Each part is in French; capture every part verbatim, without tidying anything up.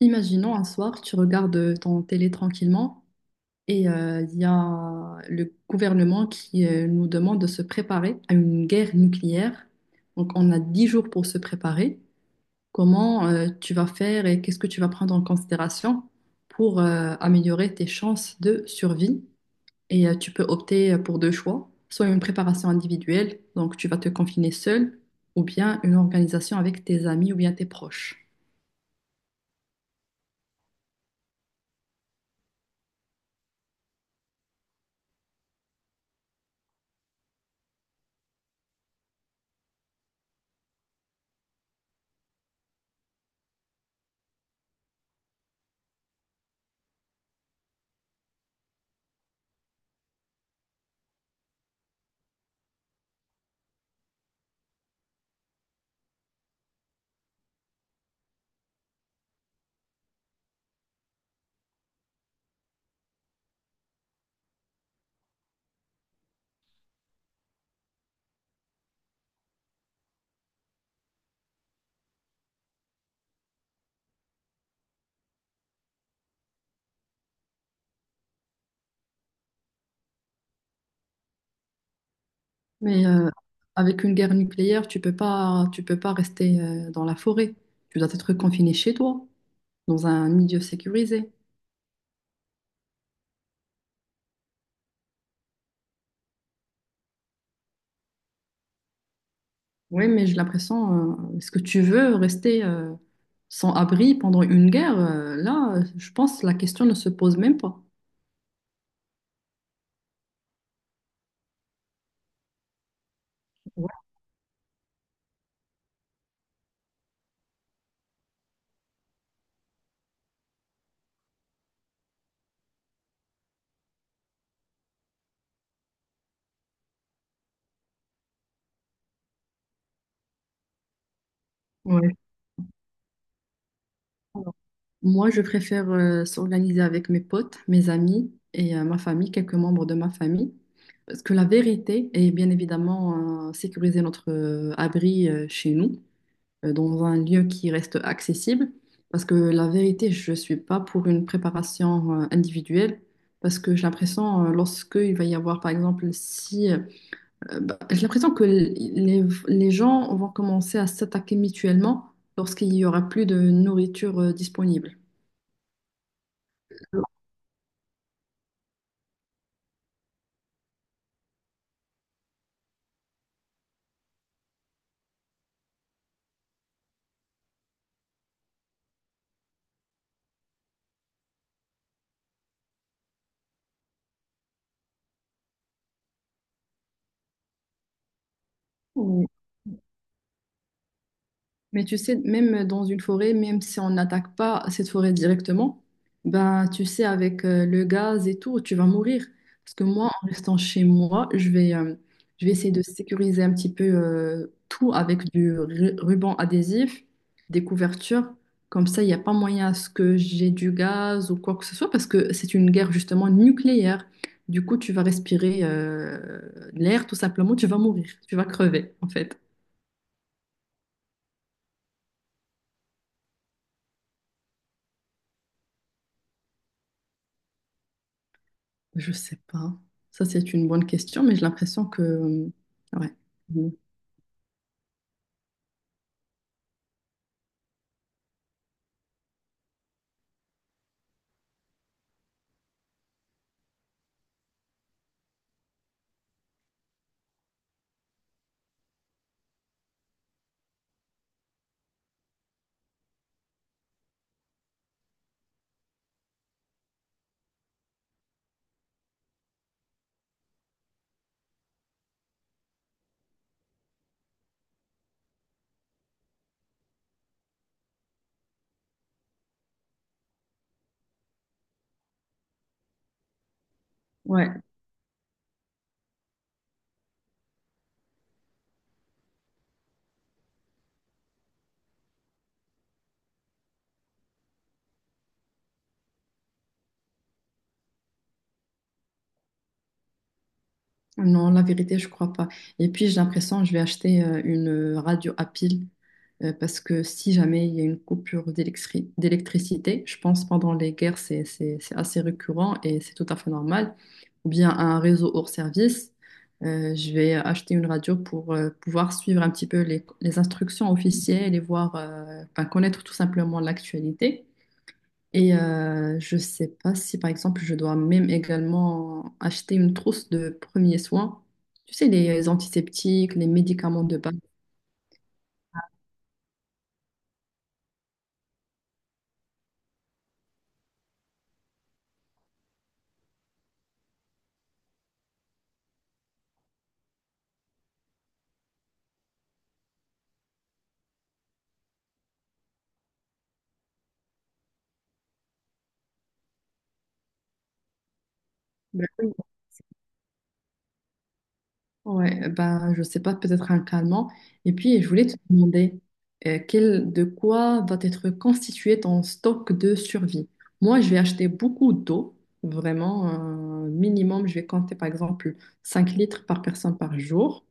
Imaginons un soir, tu regardes ton télé tranquillement et euh, il y a le gouvernement qui euh, nous demande de se préparer à une guerre nucléaire. Donc on a dix jours pour se préparer. Comment euh, tu vas faire et qu'est-ce que tu vas prendre en considération pour euh, améliorer tes chances de survie? Et euh, tu peux opter pour deux choix, soit une préparation individuelle, donc tu vas te confiner seul, ou bien une organisation avec tes amis ou bien tes proches. Mais euh, avec une guerre nucléaire, tu peux pas, tu peux pas rester euh, dans la forêt. Tu dois être confiné chez toi, dans un milieu sécurisé. Oui, mais j'ai l'impression, euh, est-ce que tu veux rester euh, sans abri pendant une guerre? Euh, là, euh, je pense que la question ne se pose même pas. Ouais. Ouais. Moi, je préfère euh, s'organiser avec mes potes, mes amis et euh, ma famille, quelques membres de ma famille. Parce que la vérité est bien évidemment euh, sécuriser notre euh, abri euh, chez nous, euh, dans un lieu qui reste accessible. Parce que la vérité, je ne suis pas pour une préparation euh, individuelle. Parce que j'ai l'impression, euh, lorsque il va y avoir, par exemple, si... euh, bah, j'ai l'impression que l- les, les gens vont commencer à s'attaquer mutuellement lorsqu'il n'y aura plus de nourriture euh, disponible. Mais tu sais, même dans une forêt, même si on n'attaque pas cette forêt directement, ben tu sais, avec euh, le gaz et tout, tu vas mourir. Parce que moi, en restant chez moi, je vais, euh, je vais essayer de sécuriser un petit peu euh, tout avec du ru- ruban adhésif, des couvertures. Comme ça, il n'y a pas moyen à ce que j'ai du gaz ou quoi que ce soit, parce que c'est une guerre justement nucléaire. Du coup, tu vas respirer euh, l'air, tout simplement, tu vas mourir, tu vas crever, en fait. Je sais pas. Ça, c'est une bonne question, mais j'ai l'impression que... euh, ouais. Mm. Ouais. Non, la vérité, je crois pas. Et puis, j'ai l'impression que je vais acheter euh, une euh, radio à pile euh, parce que si jamais il y a une coupure d'électri- d'électricité, je pense pendant les guerres, c'est, c'est, c'est assez récurrent et c'est tout à fait normal. Ou bien un réseau hors service, euh, je vais acheter une radio pour euh, pouvoir suivre un petit peu les, les instructions officielles et voir, euh, enfin, connaître tout simplement l'actualité. Et euh, je sais pas si, par exemple, je dois même également acheter une trousse de premiers soins. Tu sais, les antiseptiques, les médicaments de base. Ben oui. Ouais, ben je sais pas, peut-être un calmant. Et puis, je voulais te demander euh, quel, de quoi va être constitué ton stock de survie. Moi, je vais acheter beaucoup d'eau, vraiment, euh, minimum, je vais compter par exemple cinq litres par personne par jour.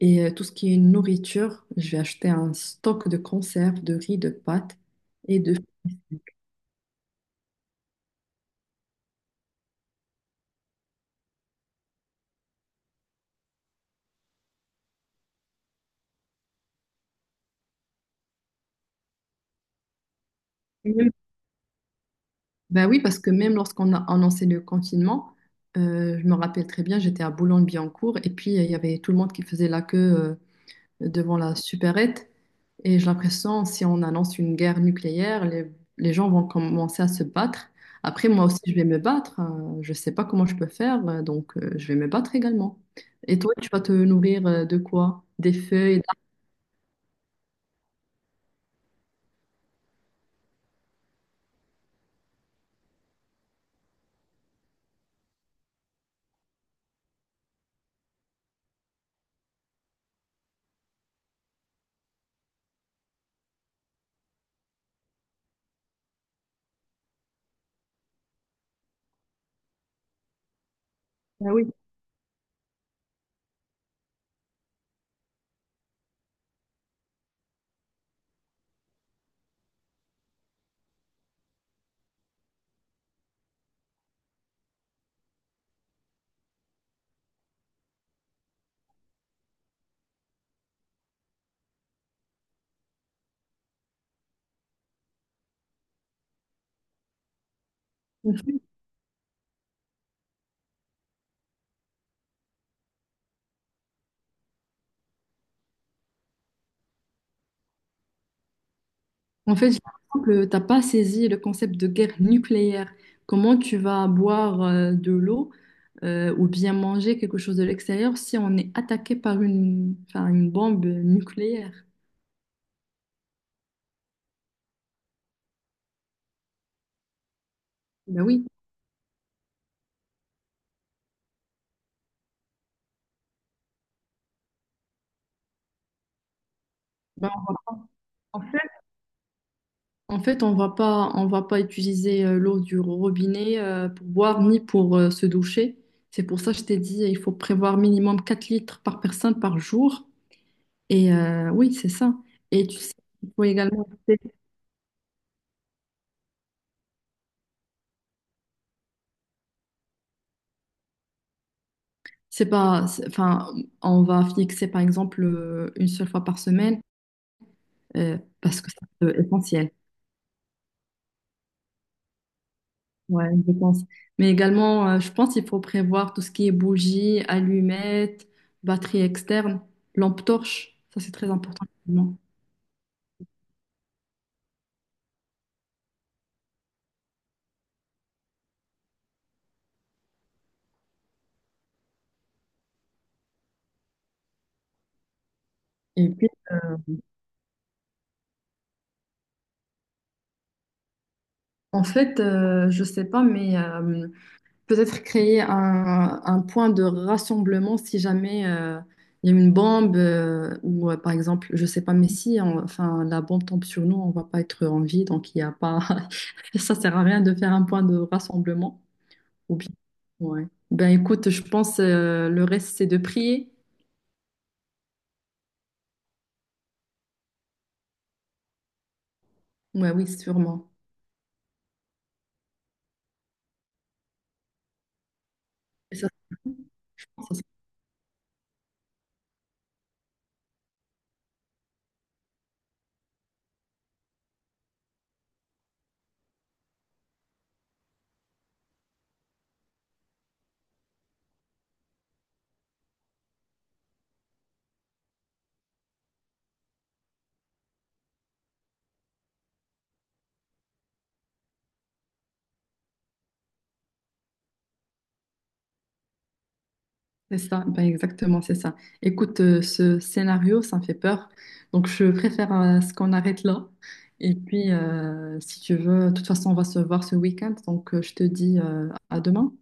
Et euh, tout ce qui est nourriture, je vais acheter un stock de conserves, de riz, de pâtes et de... Même- Ben oui, parce que même lorsqu'on a annoncé le confinement, euh, je me rappelle très bien, j'étais à Boulogne-Billancourt et puis euh, il y avait tout le monde qui faisait la queue euh, devant la supérette. Et j'ai l'impression, si on annonce une guerre nucléaire, les, les gens vont commencer à se battre. Après, moi aussi, je vais me battre. Euh, je ne sais pas comment je peux faire, euh, donc euh, je vais me battre également. Et toi, tu vas te nourrir euh, de quoi? Des feuilles, ah oui. En fait, j'ai l'impression que tu n'as pas saisi le concept de guerre nucléaire. Comment tu vas boire euh, de l'eau euh, ou bien manger quelque chose de l'extérieur si on est attaqué par une, enfin, une bombe nucléaire? Ben oui. Ben, en fait, en fait, on va pas, on va pas utiliser euh, l'eau du robinet euh, pour boire ni pour euh, se doucher. C'est pour ça que je t'ai dit, il faut prévoir minimum quatre litres par personne par jour. Et euh, oui, c'est ça. Et tu sais, il faut également... C'est pas, c'est- enfin, on va fixer par exemple euh, une seule fois par semaine euh, parce que c'est euh, essentiel. Ouais, je pense. Mais également, euh, je pense qu'il faut prévoir tout ce qui est bougies, allumettes, batterie externe, lampe torche. Ça, c'est très important également. Et puis, en fait, euh, je sais pas, mais euh, peut-être créer un, un point de rassemblement si jamais euh, il y a une bombe euh, ou euh, par exemple, je sais pas, mais si on- enfin, la bombe tombe sur nous, on va pas être en vie, donc il y a pas, ça sert à rien de faire un point de rassemblement. Ou bien, ouais. Ben écoute, je pense euh, le reste c'est de prier. Ouais, oui, sûrement. Et ça, ça C'est ça, ben exactement, c'est ça. Écoute, euh, ce scénario, ça me fait peur. Donc, je préfère euh, ce qu'on arrête là. Et puis, euh, si tu veux, de toute façon, on va se voir ce week-end. Donc, euh, je te dis euh, à demain.